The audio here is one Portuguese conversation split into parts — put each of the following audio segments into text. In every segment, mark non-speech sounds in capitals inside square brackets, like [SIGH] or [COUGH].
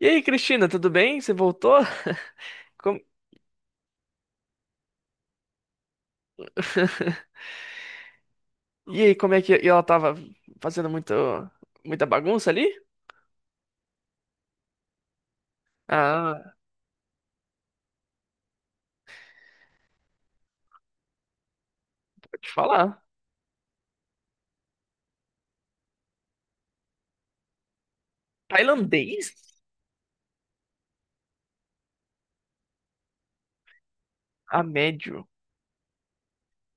E aí, Cristina, tudo bem? Você voltou? [LAUGHS] Como- [LAUGHS] E aí, como é que ela tava fazendo muita bagunça ali? Ah, vou te falar. Tailandês? A médio.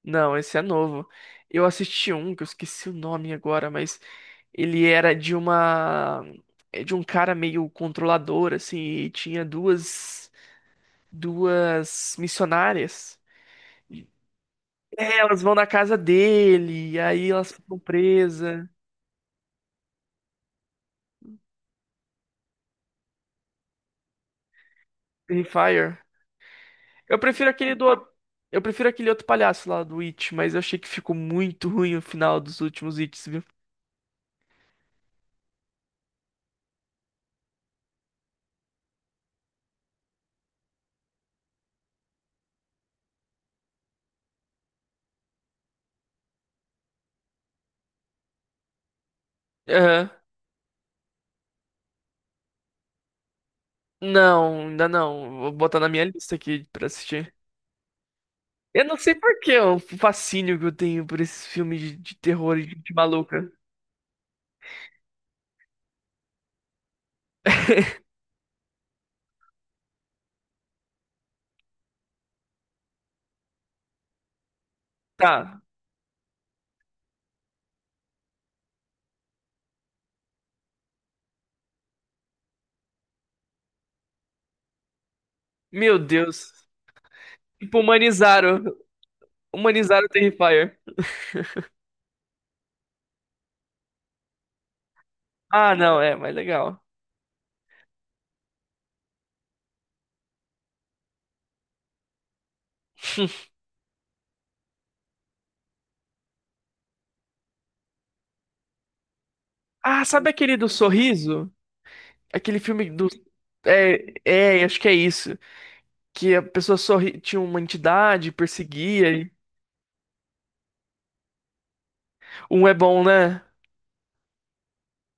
Não, esse é novo. Eu assisti um que eu esqueci o nome agora, mas ele era de uma é de um cara meio controlador assim, e tinha duas missionárias. É, elas vão na casa dele, e aí elas ficam presas. Free Fire. Eu prefiro aquele do. Eu prefiro aquele outro palhaço lá do It, mas eu achei que ficou muito ruim o final dos últimos Its, viu? Aham. Não, ainda não. Vou botar na minha lista aqui pra assistir. Eu não sei por que o fascínio que eu tenho por esses filmes de terror e de gente maluca. Tá. Meu Deus. Tipo, humanizaram. Humanizaram o Terrifier. Ah, não, é, mas legal. Ah, sabe aquele do Sorriso? Aquele filme do. É, é, acho que é isso. Que a pessoa sorri, tinha uma entidade, perseguia. E... Um é bom, né?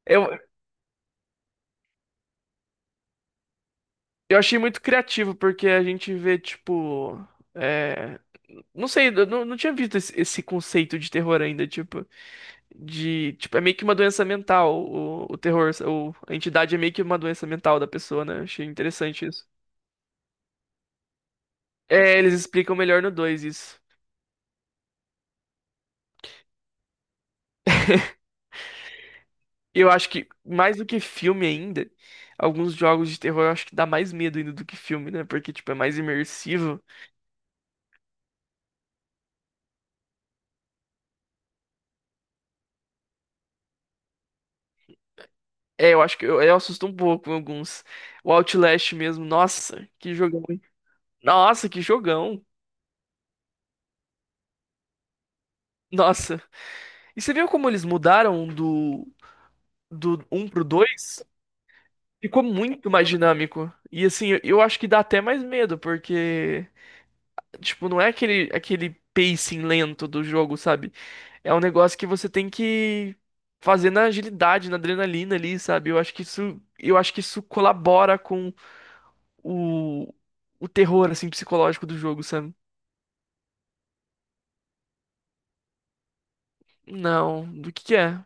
Eu, eu achei muito criativo, porque a gente vê, tipo. é, Não sei, eu não, não tinha visto esse conceito de terror ainda, tipo, tipo, é meio que uma doença mental, o terror, o, a entidade é meio que uma doença mental da pessoa, né? Eu achei interessante isso. É, eles explicam melhor no 2 isso. Eu acho que, mais do que filme ainda, alguns jogos de terror eu acho que dá mais medo ainda do que filme, né? Porque, tipo, é mais imersivo. É, eu acho que eu assusto um pouco em alguns. O Outlast mesmo, nossa, que jogão, hein? Nossa, que jogão. Nossa. E você viu como eles mudaram do, do um pro 2? Ficou muito mais dinâmico. E assim, eu acho que dá até mais medo, porque, tipo, não é aquele pacing lento do jogo, sabe? É um negócio que você tem que fazer na agilidade, na adrenalina ali, sabe? Eu acho que isso, eu acho que isso colabora o, o terror, assim, psicológico do jogo, sabe? Não, do que é?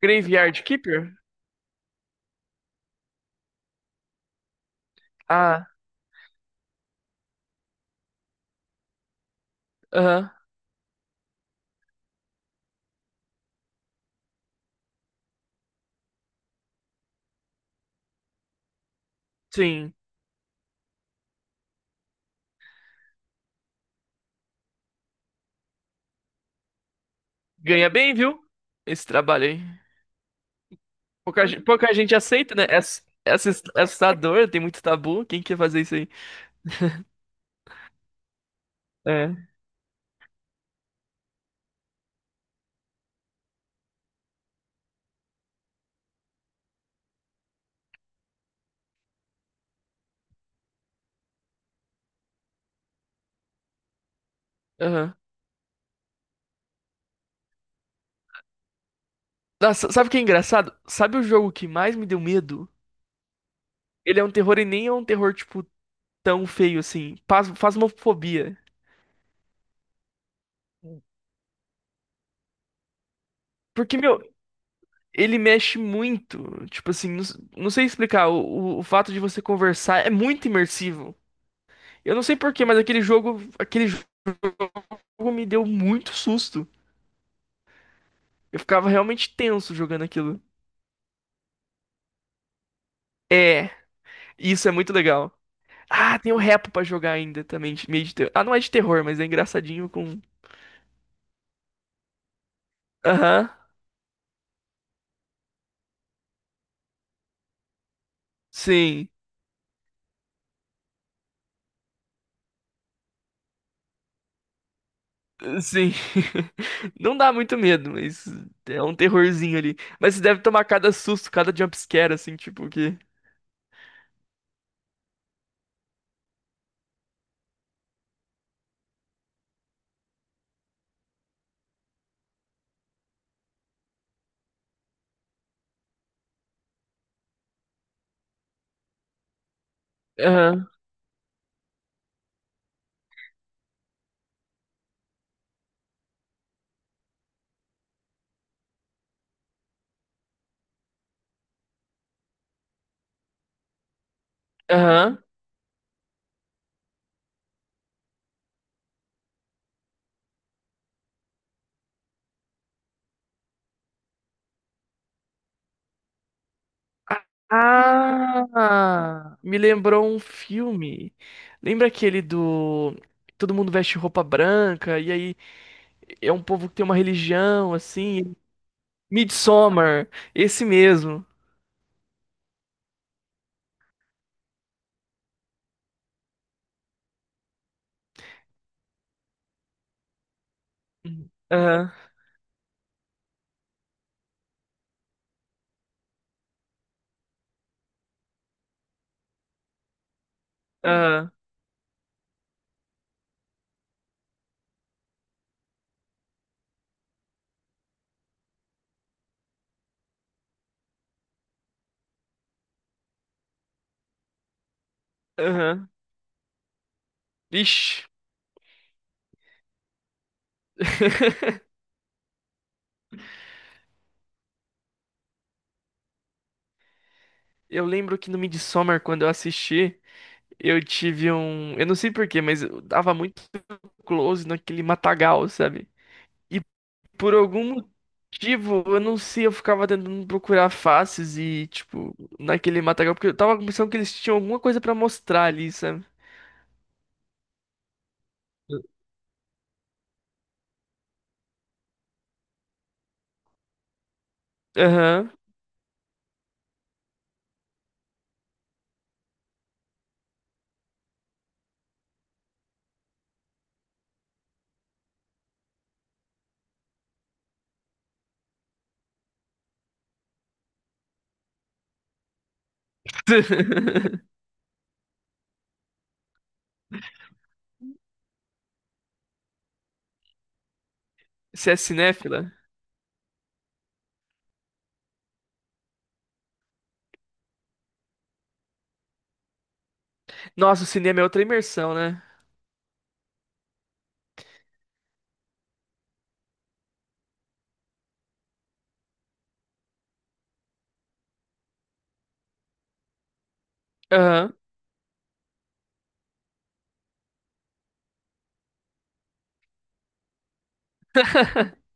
Graveyard Keeper? Ah, aham, sim. Ganha bem, viu? Esse trabalho aí. Pouca gente aceita, né? É, é assustador, tem muito tabu. Quem quer fazer isso aí? É. Aham. Nossa, sabe o que é engraçado? Sabe o jogo que mais me deu medo? Ele é um terror e nem é um terror, tipo, tão feio assim. Fasmofobia. Porque, meu, Ele mexe muito. Tipo assim, não sei explicar. O fato de você conversar é muito imersivo. Eu não sei por quê, mas aquele jogo me deu muito susto. Eu ficava realmente tenso jogando aquilo. É, isso é muito legal. Ah, tem o Repo pra jogar ainda também, meio de terror. Ah, não é de terror, mas é engraçadinho com. Aham, sim, sim. [LAUGHS] Não dá muito medo, mas é um terrorzinho ali. Mas você deve tomar cada susto, cada jumpscare, assim, tipo, que. Aham, aham. Ah, me lembrou um filme. Lembra aquele do todo mundo veste roupa branca e aí é um povo que tem uma religião assim, Midsommar, esse mesmo. Uhum. Aham, aham, aham. Ixi. [LAUGHS] Eu lembro que no Midsommar, quando eu assisti, eu tive um. Eu não sei por quê, mas eu dava muito close naquele matagal, sabe? Por algum motivo, eu não sei, eu ficava tentando procurar faces e, tipo, naquele matagal, porque eu tava pensando que eles tinham alguma coisa pra mostrar ali, sabe? Aham. [LAUGHS] Você é cinéfila? Nossa, o cinema é outra imersão, né? Aham. [LAUGHS]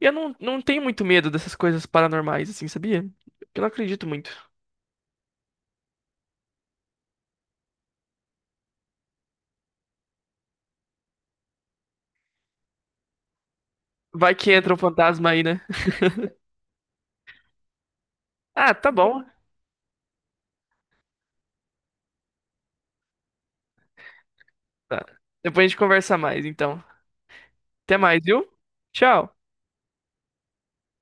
E eu não, não tenho muito medo dessas coisas paranormais, assim, sabia? Eu não acredito muito. Vai que entra um fantasma aí, né? Ah, tá bom. Tá. Depois a gente conversa mais, então. Até mais, viu? Tchau.